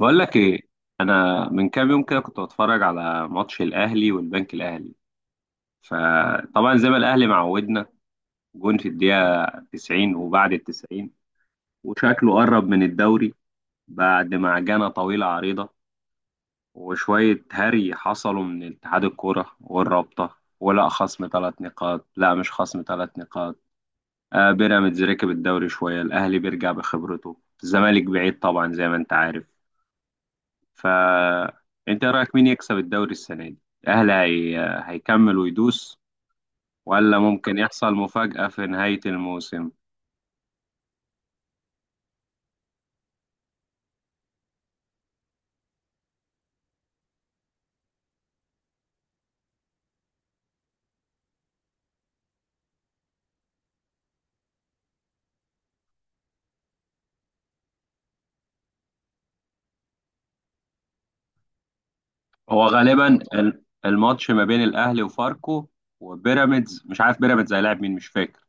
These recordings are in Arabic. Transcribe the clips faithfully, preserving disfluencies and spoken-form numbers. بقول لك ايه. انا من كام يوم كده كنت بتفرج على ماتش الاهلي والبنك الاهلي، فطبعا زي ما الاهلي معودنا، جون في الدقيقه تسعين وبعد ال تسعين، وشكله قرب من الدوري بعد معجنه طويله عريضه وشويه هري حصلوا من اتحاد الكوره والرابطه، ولا خصم ثلاث نقاط، لا مش خصم ثلاث نقاط. آه، بيراميدز ركب الدوري شويه، الاهلي بيرجع بخبرته، الزمالك بعيد طبعا زي ما انت عارف. فأنت رأيك مين يكسب الدوري السنة دي؟ الأهلي هي... هيكمل ويدوس، ولا ممكن يحصل مفاجأة في نهاية الموسم؟ هو غالبا ال- الماتش ما بين الأهلي وفاركو وبيراميدز. مش عارف بيراميدز هيلاعب مين، مش فاكر.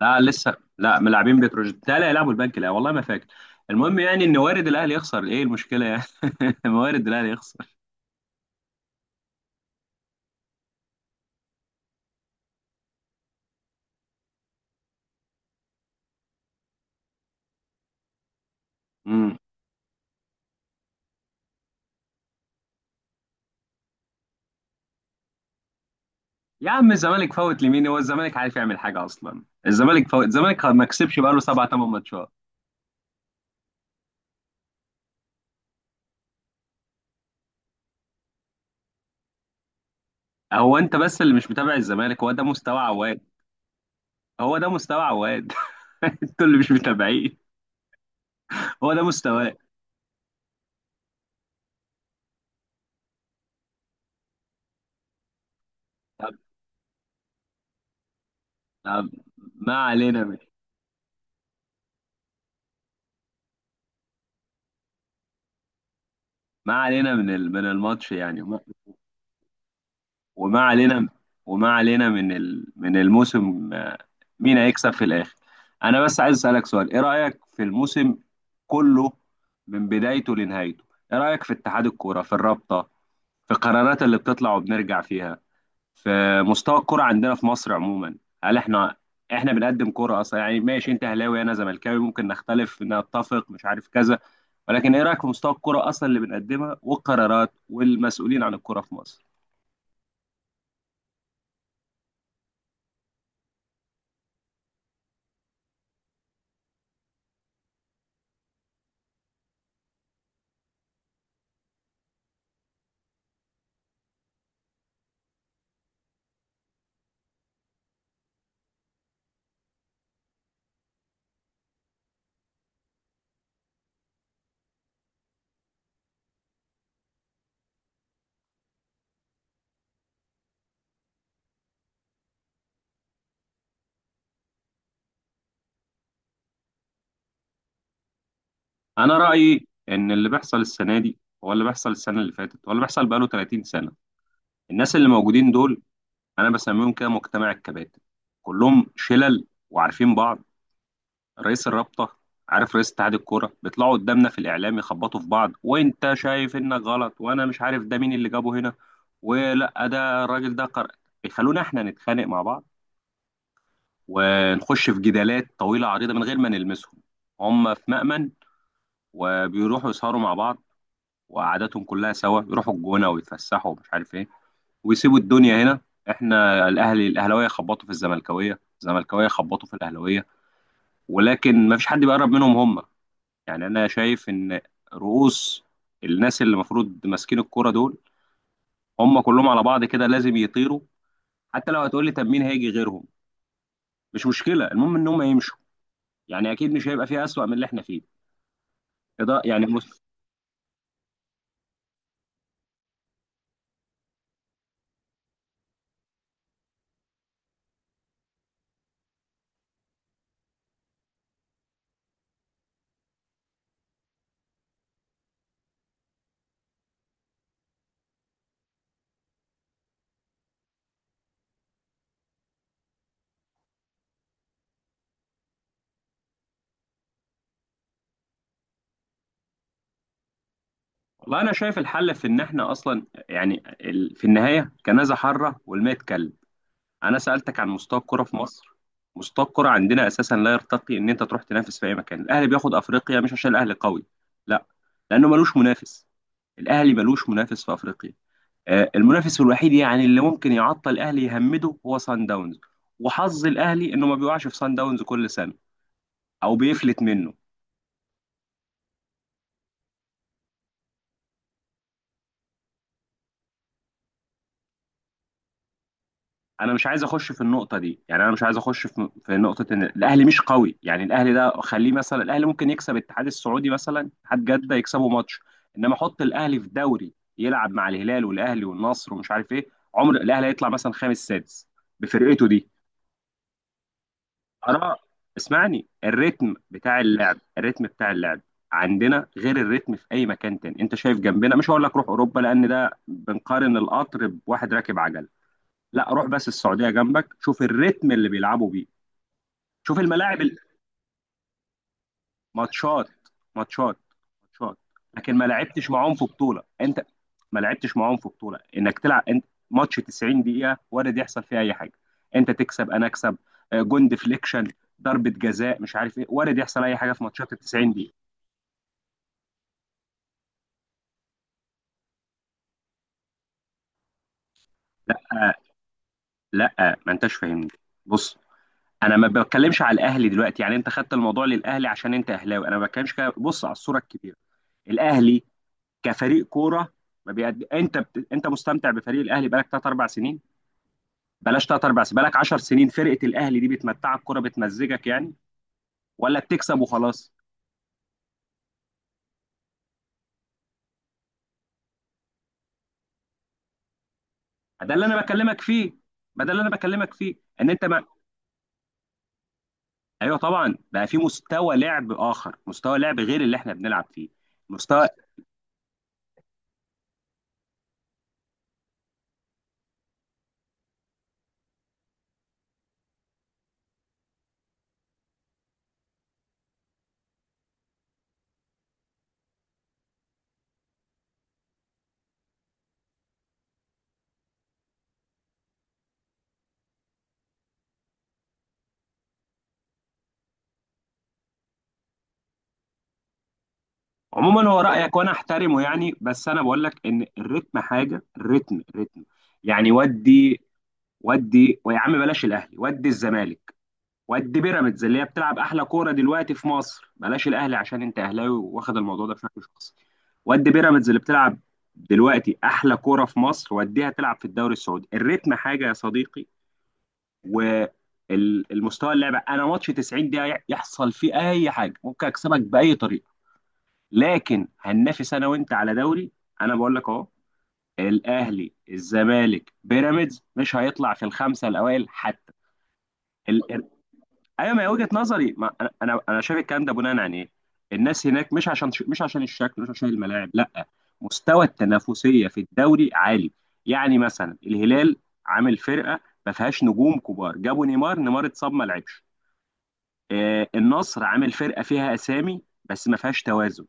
لا لسه، لا ملاعبين بتروجيت، لا هيلعبوا البنك، لا والله ما فاكر. المهم يعني ان وارد الاهلي يخسر، ايه المشكله يعني؟ وارد الاهلي يخسر. امم يا عم الزمالك فوت لمين؟ هو الزمالك عارف يعمل حاجه اصلا؟ الزمالك فوت؟ الزمالك ما كسبش بقاله سبع ثمان ماتشات. هو انت بس اللي مش متابع الزمالك، هو ده مستوى عواد. هو ده مستوى عواد. انتوا اللي مش متابعين، هو ده مستواه. طب، طب، ما علينا من، ما علينا من ال- من الماتش يعني، وما وما علينا، وما علينا من ال من الموسم. آه، مين هيكسب في الاخر؟ انا بس عايز اسالك سؤال: ايه رايك في الموسم كله، من بدايته لنهايته؟ ايه رايك في اتحاد الكوره، في الرابطه، في القرارات اللي بتطلع وبنرجع فيها، في مستوى الكرة عندنا في مصر عموما؟ هل احنا، احنا بنقدم كرة اصلا؟ يعني ماشي، انت اهلاوي انا زملكاوي، ممكن نختلف نتفق مش عارف كذا، ولكن ايه رأيك في مستوى الكرة اصلا اللي بنقدمها، والقرارات والمسؤولين عن الكرة في مصر؟ انا رأيي ان اللي بيحصل السنة دي هو اللي بيحصل السنة اللي فاتت، هو اللي بيحصل بقاله 30 سنة. الناس اللي موجودين دول انا بسميهم كده مجتمع الكباتن، كلهم شلل وعارفين بعض. رئيس الرابطة، عارف، رئيس اتحاد الكورة، بيطلعوا قدامنا في الإعلام يخبطوا في بعض وأنت شايف إنك غلط، وأنا مش عارف ده مين اللي جابه هنا، ولا ده الراجل ده قر... بيخلونا إحنا نتخانق مع بعض، ونخش في جدالات طويلة عريضة من غير ما نلمسهم. هم في مأمن، وبيروحوا يسهروا مع بعض، وقعداتهم كلها سوا، يروحوا الجونة ويتفسحوا ومش عارف إيه، ويسيبوا الدنيا هنا. إحنا الأهلي، الأهلاوية خبطوا في الزملكاوية، الزملكاوية خبطوا في الأهلاوية، ولكن ما فيش حد بيقرب منهم هم. يعني انا شايف ان رؤوس الناس اللي المفروض ماسكين الكرة دول، هم كلهم على بعض كده لازم يطيروا. حتى لو هتقول لي طب مين هيجي غيرهم، مش مشكلة، المهم ان هم يمشوا. يعني اكيد مش هيبقى فيها اسوأ من اللي احنا فيه. ده يعني مس... والله انا شايف الحل في ان احنا اصلا، يعني ال... في النهاية كنازة حرة والماء اتكلم. انا سألتك عن مستوى الكرة في مصر. مستوى الكرة عندنا اساسا لا يرتقي ان انت تروح تنافس في اي مكان. الاهلي بياخد افريقيا مش عشان الاهلي قوي، لا، لانه ملوش منافس. الاهلي ملوش منافس في افريقيا. آه، المنافس الوحيد يعني اللي ممكن يعطل الاهلي يهمده هو سان داونز، وحظ الاهلي انه ما بيقعش في سان داونز كل سنه، او بيفلت منه. انا مش عايز اخش في النقطه دي، يعني انا مش عايز اخش في في نقطه ان الاهلي مش قوي. يعني الاهلي ده خليه، مثلا الاهلي ممكن يكسب الاتحاد السعودي، مثلا اتحاد جده يكسبه ماتش، انما حط الاهلي في دوري يلعب مع الهلال والاهلي والنصر ومش عارف ايه، عمر الاهلي هيطلع مثلا خامس سادس بفرقته دي. انا، اسمعني، الريتم بتاع اللعب، الريتم بتاع اللعب عندنا غير الريتم في اي مكان تاني. انت شايف جنبنا، مش هقول لك روح اوروبا لان ده بنقارن القطر بواحد راكب عجل، لا، روح بس السعوديه جنبك، شوف الريتم اللي بيلعبوا بيه. شوف الملاعب ال- ماتشات، ماتشات، شاط. لكن ما لعبتش معاهم في بطوله انت، ما لعبتش معاهم في بطوله انك تلعب انت. ماتش تسعين دقيقه وارد يحصل فيها اي حاجه. انت تكسب، انا اكسب، آه، جون ديفليكشن، ضربه جزاء، مش عارف ايه. وارد يحصل اي حاجه في ماتشات ال تسعين دقيقه. لا لا ما انتش فاهمني، بص، انا ما بتكلمش على الاهلي دلوقتي، يعني انت خدت الموضوع للاهلي عشان انت اهلاوي، انا ما بتكلمش كده، بص على الصوره الكبيره. الاهلي كفريق كوره ما بيقد... انت بت... انت مستمتع بفريق الاهلي بقالك ثلاث أربع سنين؟ بلاش تلات ارباع سنين، بقالك 10 سنين فرقه الاهلي دي بتمتعك كوره، بتمزجك يعني، ولا بتكسب وخلاص؟ ده اللي انا بكلمك فيه، ما ده اللي انا بكلمك فيه. ان انت ما... ايوه طبعا بقى، في مستوى لعب اخر، مستوى لعب غير اللي احنا بنلعب فيه. مستوى، عموما هو رايك وانا احترمه يعني، بس انا بقول لك ان الريتم حاجه. الريتم، الريتم، يعني ودي، ودي ويا عم بلاش الاهلي، ودي الزمالك وقد بيراميدز اللي هي بتلعب احلى كوره دلوقتي في مصر، بلاش الاهلي عشان انت اهلاوي واخد الموضوع ده بشكل شخصي، وقد بيراميدز اللي بتلعب دلوقتي احلى كوره في مصر، وديها تلعب في الدوري السعودي. الريتم حاجه يا صديقي، والمستوى، اللعبه انا، ماتش تسعين دقيقه يحصل فيه اي حاجه، ممكن اكسبك باي طريقه، لكن هننافس انا وانت على دوري، انا بقول لك اهو الاهلي الزمالك بيراميدز مش هيطلع في الخمسه الاوائل حتى. ايوه ما هي وجهه نظري، ما انا انا أنا شايف الكلام ده بناء عن ايه؟ الناس هناك مش عشان، مش عشان الشكل، مش عشان الملاعب، لا، مستوى التنافسيه في الدوري عالي. يعني مثلا الهلال عامل فرقه ما فيهاش نجوم كبار، جابوا نيمار، نيمار اتصاب ما لعبش. آه، النصر عامل فرقه فيها اسامي بس ما فيهاش توازن.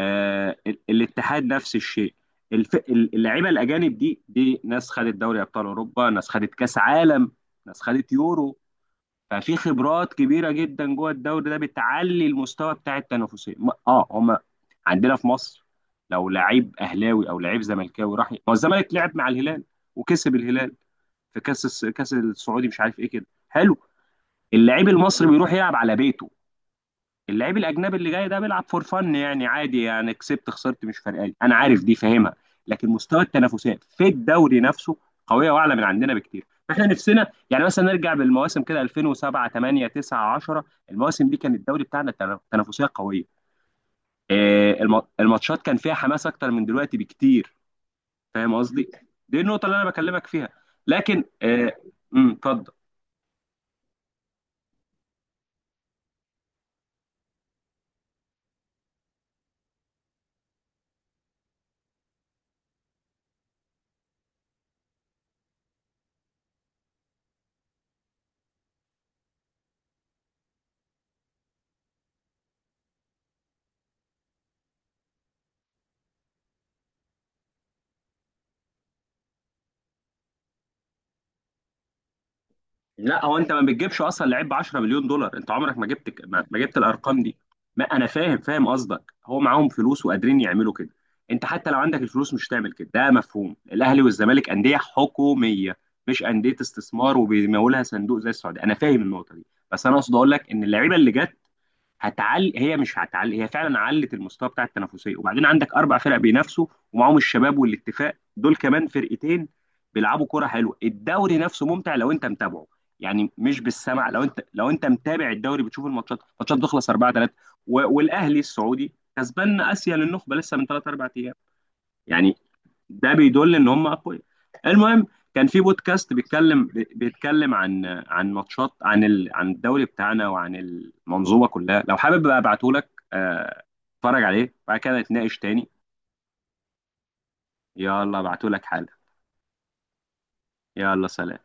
آه، ال- الاتحاد نفس الشيء. الف... ال- اللعيبه الاجانب دي دي ناس خدت دوري ابطال اوروبا، ناس خدت كاس عالم، ناس خدت يورو. ففي خبرات كبيره جدا جوه الدوري ده بتعلي المستوى بتاع التنافسيه. م- اه هم عندنا في مصر لو لعيب اهلاوي او لعيب زملكاوي راح، ما هو الزمالك لعب مع الهلال وكسب الهلال في كاس الس- كاس السعودي مش عارف ايه، كده حلو. اللعيب المصري بيروح يلعب على بيته، اللعيب الاجنبي اللي جاي ده بيلعب فور فن يعني، عادي يعني، كسبت خسرت مش فارقه لي، انا عارف دي فاهمها. لكن مستوى التنافسات في الدوري نفسه قويه واعلى من عندنا بكتير. فاحنا نفسنا يعني مثلا نرجع بالمواسم كده ألفين وسبعة وتمنية وتسعة وعشرة، المواسم دي كان الدوري بتاعنا التنا- تنافسيه قويه. آه، الم- الماتشات كان فيها حماس اكتر من دلوقتي بكتير، فاهم قصدي؟ دي النقطه اللي انا بكلمك فيها. لكن آه، امم اتفضل. لا، هو انت ما بتجيبش اصلا لعيب ب عشرة مليون دولار مليون دولار، انت عمرك ما جبت، ما ما جبت الارقام دي. ما انا فاهم، فاهم قصدك، هو معاهم فلوس وقادرين يعملوا كده. انت حتى لو عندك الفلوس مش هتعمل كده، ده مفهوم الاهلي والزمالك انديه حكوميه، مش انديه استثمار وبيمولها صندوق زي السعوديه، انا فاهم النقطه دي. بس انا اقصد اقول لك ان اللعيبه اللي جت هتعلي، هي مش هتعلي، هي فعلا علت المستوى بتاع التنافسيه، وبعدين عندك اربع فرق بينافسوا، ومعاهم الشباب والاتفاق دول كمان فرقتين بيلعبوا كوره حلوه. الدوري نفسه ممتع لو انت متابعه، يعني مش بالسمع، لو انت، لو انت متابع الدوري بتشوف الماتشات، الماتشات بتخلص أربعة ثلاثة، والاهلي السعودي كسبان اسيا للنخبه لسه من ثلاث أربعة ايام يعني، ده بيدل ان هم اقوياء. المهم، كان في بودكاست بيتكلم، بيتكلم عن، عن ماتشات، عن ال... عن الدوري بتاعنا وعن المنظومه كلها، لو حابب بقى ابعته لك، آه، اتفرج عليه بعد كده نتناقش تاني. يلا ابعته لك حالا. يلا سلام.